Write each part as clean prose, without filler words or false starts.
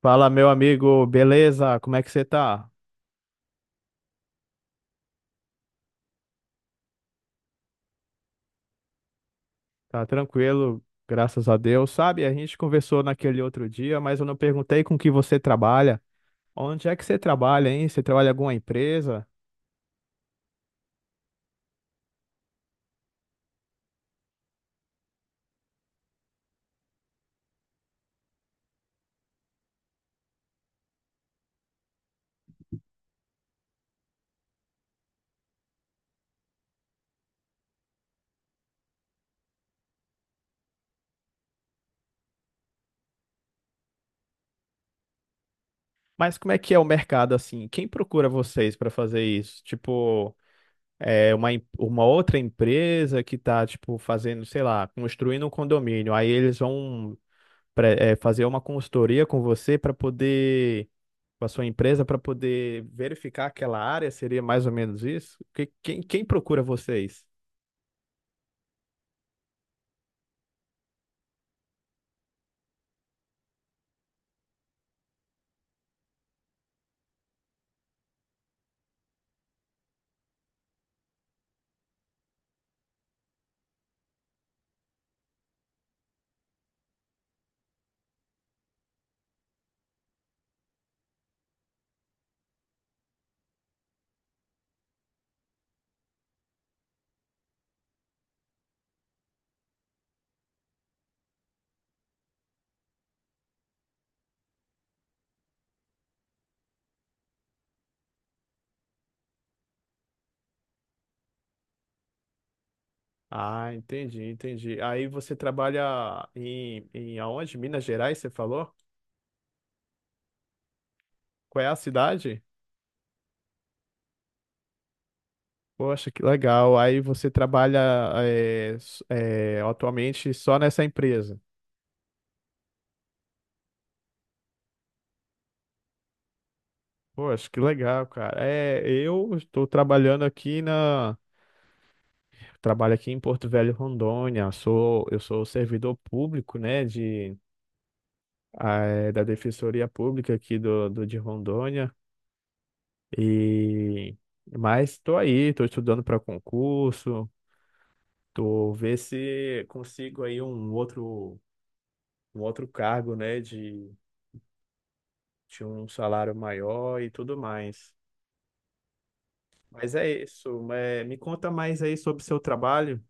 Fala, meu amigo, beleza? Como é que você tá? Tá tranquilo, graças a Deus. Sabe, a gente conversou naquele outro dia, mas eu não perguntei com que você trabalha. Onde é que você trabalha, hein? Você trabalha em alguma empresa? Mas como é que é o mercado assim? Quem procura vocês para fazer isso? Tipo, é uma outra empresa que tá, tipo, fazendo, sei lá, construindo um condomínio. Aí eles vão fazer uma consultoria com você para poder com a sua empresa para poder verificar aquela área? Seria mais ou menos isso? Quem, quem procura vocês? Ah, entendi, entendi. Aí você trabalha em aonde? Minas Gerais, você falou? Qual é a cidade? Poxa, que legal. Aí você trabalha atualmente só nessa empresa. Poxa, que legal, cara. É, eu estou trabalhando aqui na. Trabalho aqui em Porto Velho, Rondônia. Sou, eu sou servidor público, né, de da Defensoria Pública aqui do, do de Rondônia. E mas tô aí, tô estudando para concurso, tô ver se consigo aí um outro cargo, né, de um salário maior e tudo mais. Mas é isso, é, me conta mais aí sobre o seu trabalho,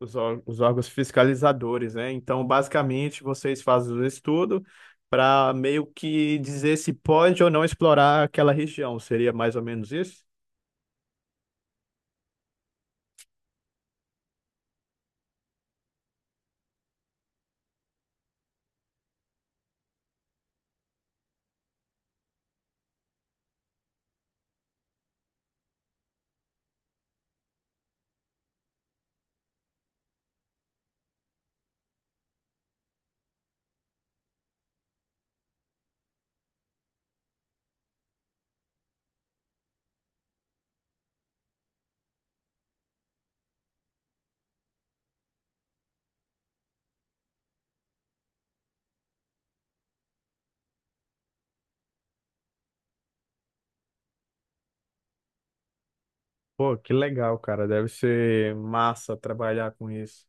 os, os órgãos fiscalizadores, né? Então, basicamente, vocês fazem o estudo para meio que dizer se pode ou não explorar aquela região. Seria mais ou menos isso? Pô, que legal, cara. Deve ser massa trabalhar com isso.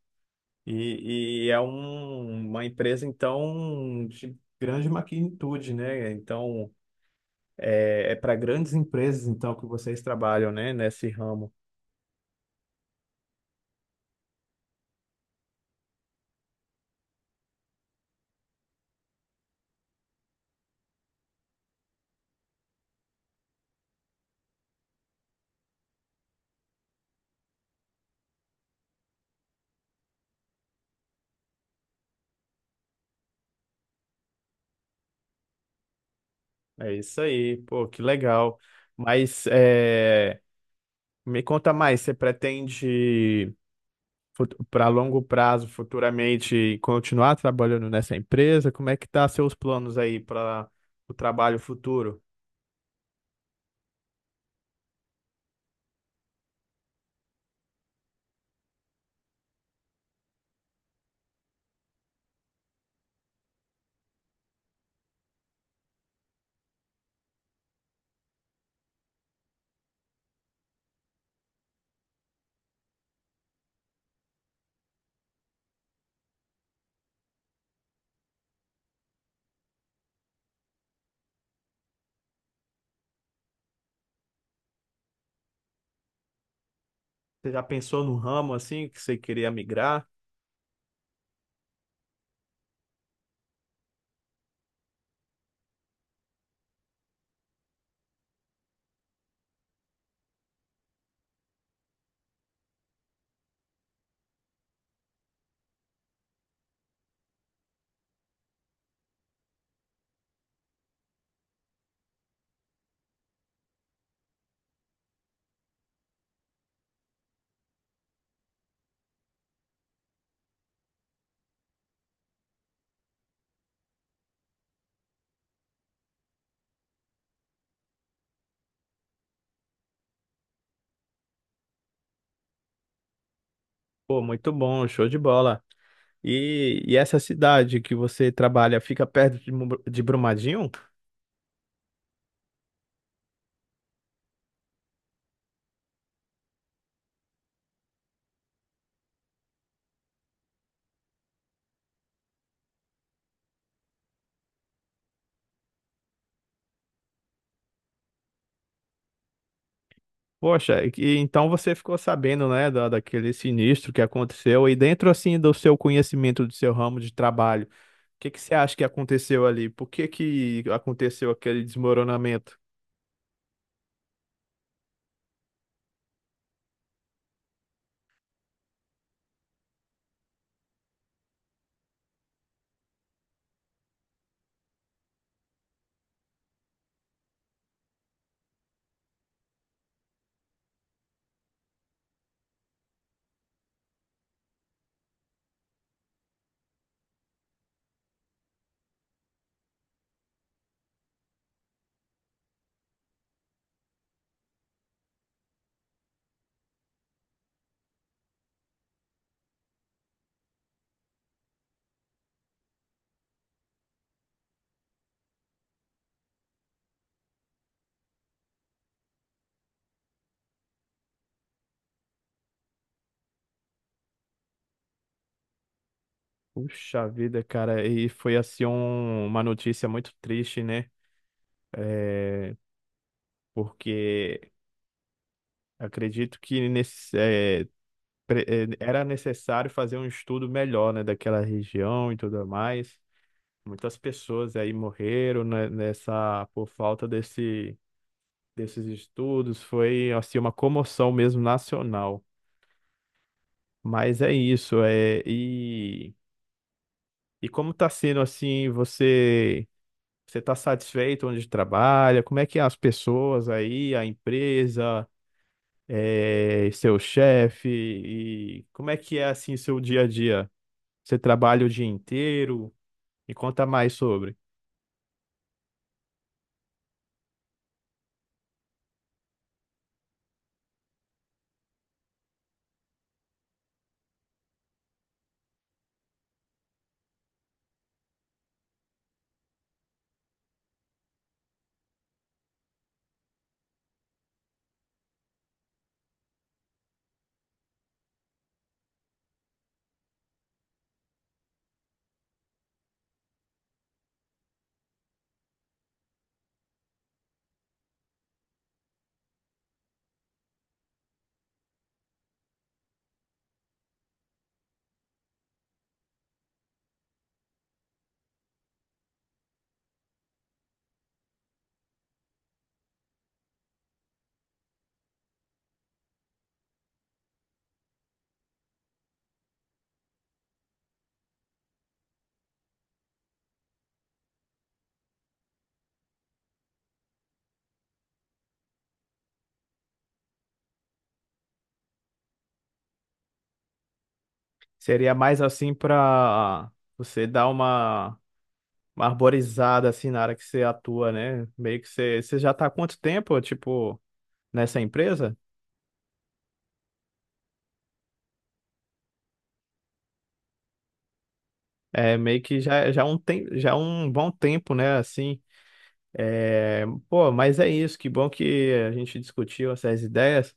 E, e, é uma empresa, então, de grande magnitude, né? Então, é, é para grandes empresas, então, que vocês trabalham, né? Nesse ramo. É isso aí. Pô, que legal. Mas é, me conta mais, você pretende, para longo prazo, futuramente, continuar trabalhando nessa empresa? Como é que tá seus planos aí para o trabalho futuro? Você já pensou no ramo assim que você queria migrar? Pô, muito bom, show de bola. E essa cidade que você trabalha fica perto de, de Brumadinho? Poxa, e, então você ficou sabendo, né, da, daquele sinistro que aconteceu. E dentro assim do seu conhecimento do seu ramo de trabalho, o que que você acha que aconteceu ali? Por que que aconteceu aquele desmoronamento? Puxa vida, cara, e foi assim uma notícia muito triste, né? É, porque acredito que nesse, eh, pre- eh, era necessário fazer um estudo melhor, né, daquela região e tudo mais. Muitas pessoas aí morreram, né, nessa por falta desse, desses estudos. Foi assim uma comoção mesmo nacional. Mas é isso, é e como está sendo assim, você você está satisfeito onde trabalha? Como é que é as pessoas aí, a empresa? É, seu chefe e como é que é assim seu dia a dia? Você trabalha o dia inteiro? Me conta mais sobre. Seria mais assim para você dar uma arborizada assim na área que você atua, né? Meio que você, você já tá há quanto tempo, tipo, nessa empresa? É meio que já um tem, já um bom tempo, né, assim. É, pô, mas é isso, que bom que a gente discutiu essas ideias.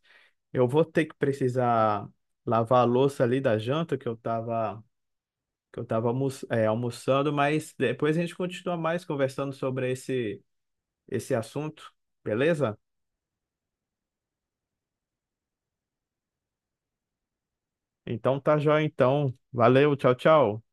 Eu vou ter que precisar lavar a louça ali da janta que eu tava almoçando, mas depois a gente continua mais conversando sobre esse, esse assunto, beleza? Então tá joia, então. Valeu, tchau, tchau.